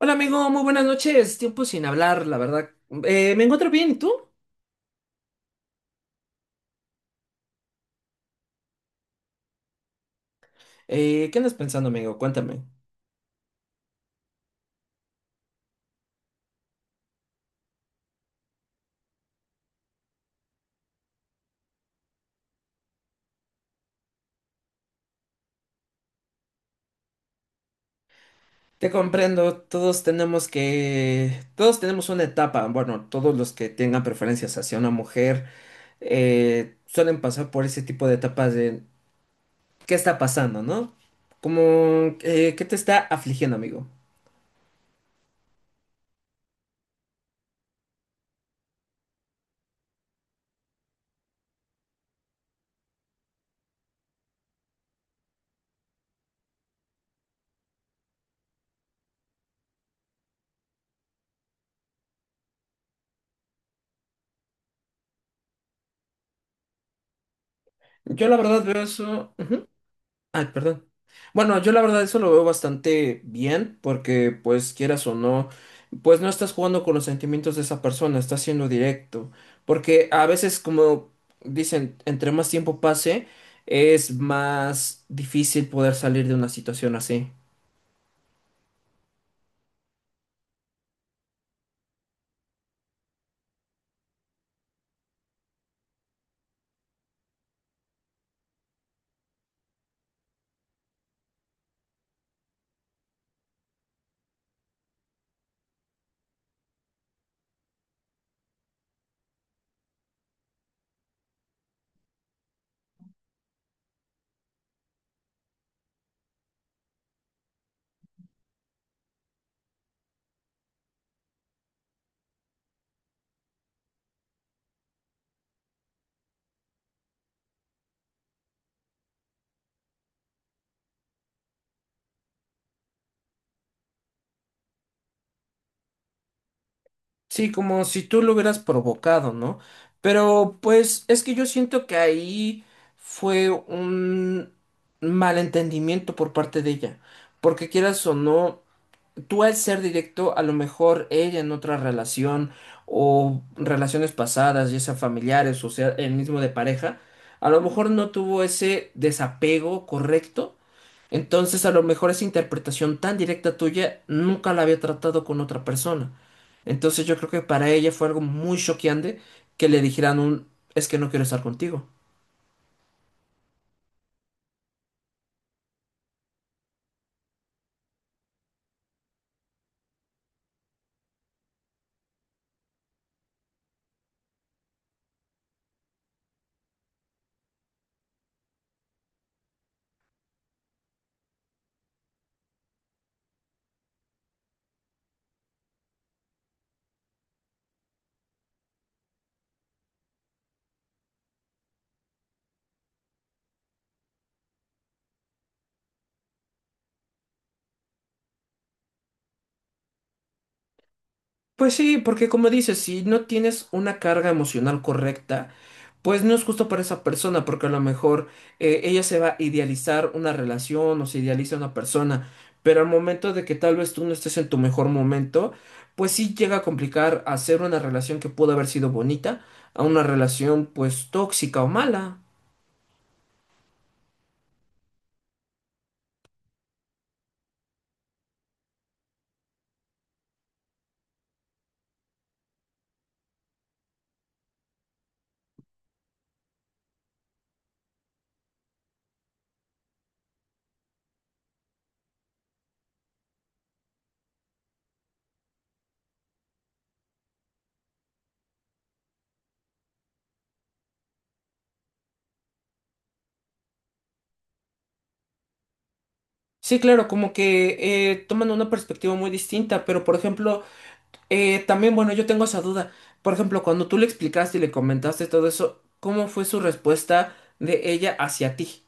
Hola amigo, muy buenas noches. Tiempo sin hablar, la verdad. Me encuentro bien, ¿y tú? ¿Qué andas pensando, amigo? Cuéntame. Te comprendo, todos tenemos que... Todos tenemos una etapa, bueno, todos los que tengan preferencias hacia una mujer suelen pasar por ese tipo de etapas de ¿qué está pasando, no? Como, ¿qué te está afligiendo, amigo? Yo la verdad veo eso. Ay, perdón. Bueno, yo la verdad eso lo veo bastante bien porque pues quieras o no, pues no estás jugando con los sentimientos de esa persona, estás siendo directo. Porque a veces como dicen, entre más tiempo pase, es más difícil poder salir de una situación así. Sí, como si tú lo hubieras provocado, ¿no? Pero pues es que yo siento que ahí fue un malentendimiento por parte de ella. Porque quieras o no, tú al ser directo, a lo mejor ella en otra relación o relaciones pasadas, ya sea familiares o sea el mismo de pareja, a lo mejor no tuvo ese desapego correcto. Entonces, a lo mejor esa interpretación tan directa tuya nunca la había tratado con otra persona. Entonces, yo creo que para ella fue algo muy choqueante que le dijeran un es que no quiero estar contigo. Pues sí, porque como dices, si no tienes una carga emocional correcta, pues no es justo para esa persona, porque a lo mejor ella se va a idealizar una relación o se idealiza una persona, pero al momento de que tal vez tú no estés en tu mejor momento, pues sí llega a complicar hacer una relación que pudo haber sido bonita a una relación pues tóxica o mala. Sí, claro, como que toman una perspectiva muy distinta, pero por ejemplo... también, bueno, yo tengo esa duda. Por ejemplo, cuando tú le explicaste y le comentaste todo eso, ¿cómo fue su respuesta de ella hacia ti?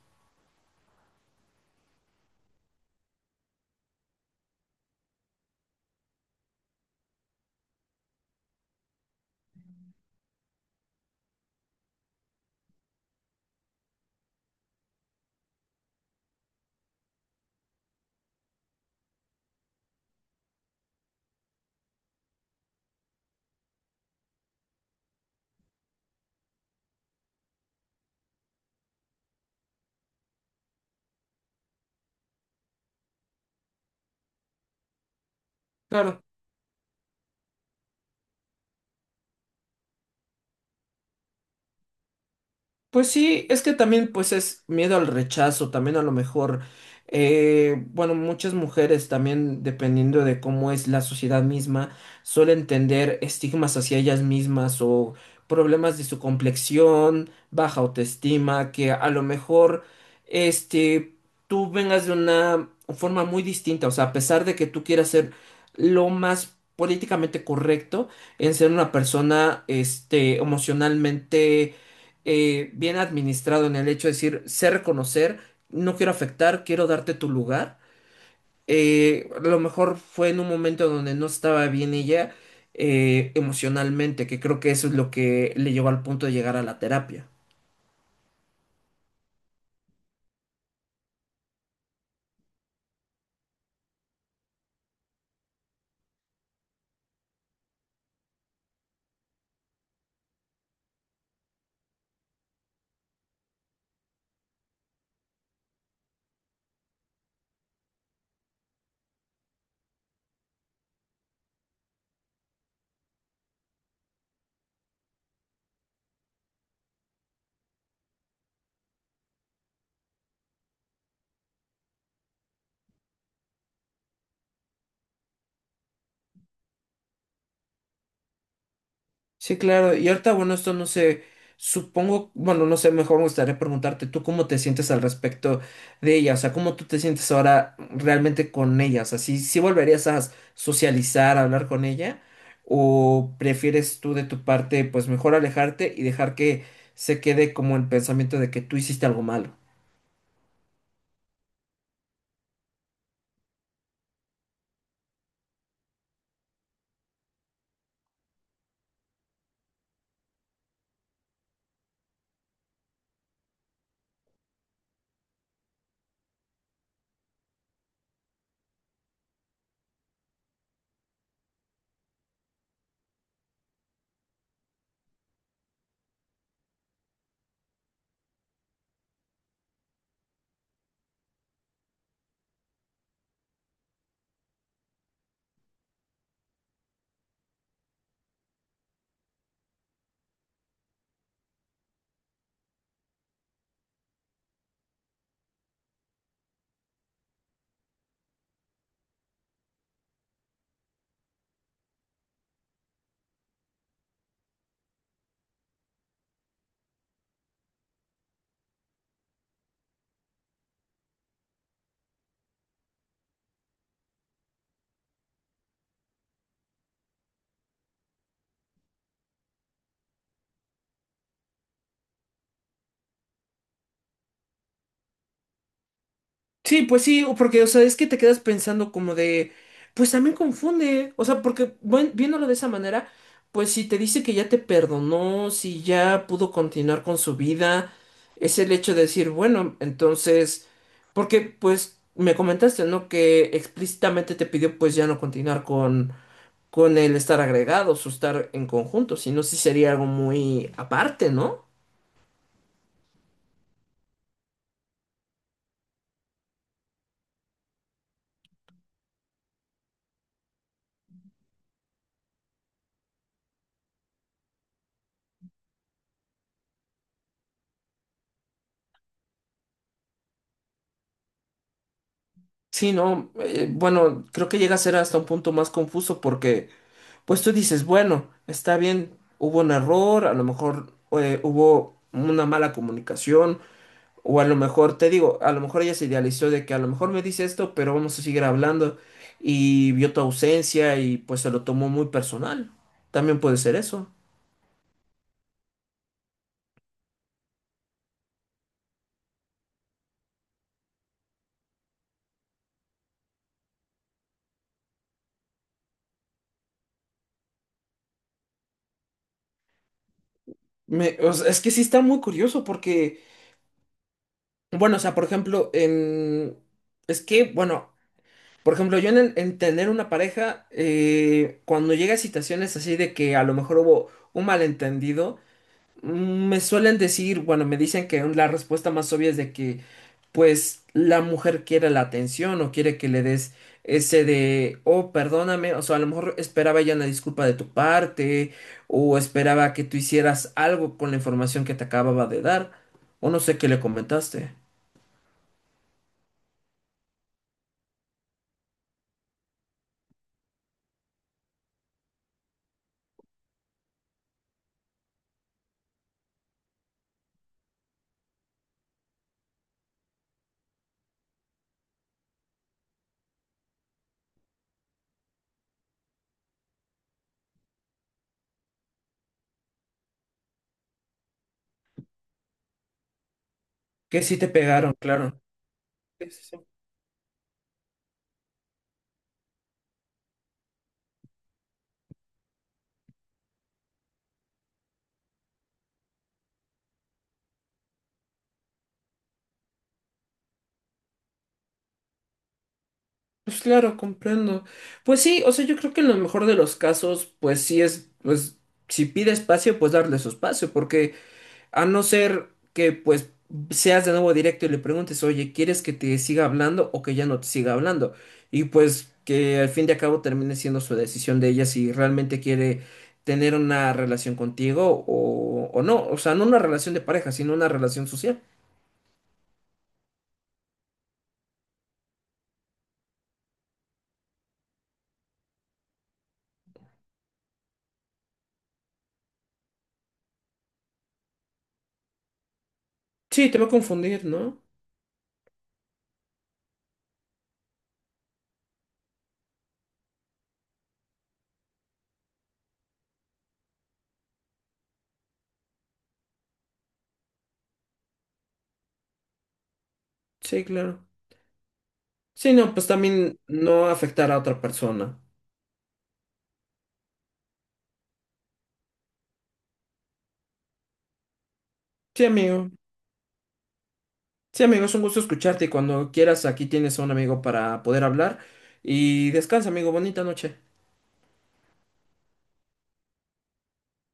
Pues sí, es que también pues es miedo al rechazo, también a lo mejor, bueno, muchas mujeres también, dependiendo de cómo es la sociedad misma, suelen tender estigmas hacia ellas mismas o problemas de su complexión, baja autoestima, que a lo mejor, este, tú vengas de una forma muy distinta, o sea, a pesar de que tú quieras ser lo más políticamente correcto en ser una persona, este, emocionalmente bien administrado en el hecho de decir, sé reconocer, no quiero afectar, quiero darte tu lugar. A lo mejor fue en un momento donde no estaba bien ella emocionalmente, que creo que eso es lo que le llevó al punto de llegar a la terapia. Sí, claro. Y ahorita, bueno, esto no sé, supongo, bueno, no sé, mejor me gustaría preguntarte tú cómo te sientes al respecto de ella, o sea, cómo tú te sientes ahora realmente con ella, o sea, si, si volverías a socializar, a hablar con ella, o prefieres tú de tu parte, pues mejor alejarte y dejar que se quede como el pensamiento de que tú hiciste algo malo. Sí, pues sí, o porque, o sea, es que te quedas pensando como de, pues también confunde, o sea, porque buen- viéndolo de esa manera, pues si te dice que ya te perdonó, si ya pudo continuar con su vida, es el hecho de decir, bueno, entonces, porque pues me comentaste, ¿no? Que explícitamente te pidió pues ya no continuar con el estar agregados o estar en conjunto, sino sí sería algo muy aparte, ¿no? Sí, no, bueno, creo que llega a ser hasta un punto más confuso porque... pues tú dices, bueno, está bien, hubo un error, a lo mejor hubo una mala comunicación, o a lo mejor, te digo, a lo mejor ella se idealizó de que a lo mejor me dice esto, pero vamos a seguir hablando, y vio tu ausencia y pues se lo tomó muy personal. También puede ser eso. Me- o sea, es que sí está muy curioso porque, bueno, o sea, por ejemplo, en... Es que, bueno, por ejemplo, yo en, el- en tener una pareja, cuando llega a situaciones así de que a lo mejor hubo un malentendido, me suelen decir, bueno, me dicen que la respuesta más obvia es de que, pues, la mujer quiere la atención o quiere que le des ese de, oh, perdóname, o sea, a lo mejor esperaba ella una disculpa de tu parte o esperaba que tú hicieras algo con la información que te acababa de dar o no sé qué le comentaste. Que sí te pegaron, claro. Sí, sí, sí. Pues claro, comprendo. Pues sí, o sea, yo creo que en lo mejor de los casos, pues sí es, pues, si pide espacio, pues darle su espacio, porque... A no ser que pues seas de nuevo directo y le preguntes, oye, ¿quieres que te siga hablando o que ya no te siga hablando? Y pues que al fin de cabo termine siendo su decisión de ella si realmente quiere tener una relación contigo o no. O sea, no una relación de pareja, sino una relación social. Sí, te va a confundir, ¿no? Sí, claro. Sí, no, pues también no afectar a otra persona. Sí, amigo. Sí, amigo, es un gusto escucharte y cuando quieras aquí tienes a un amigo para poder hablar. Y descansa, amigo. Bonita noche.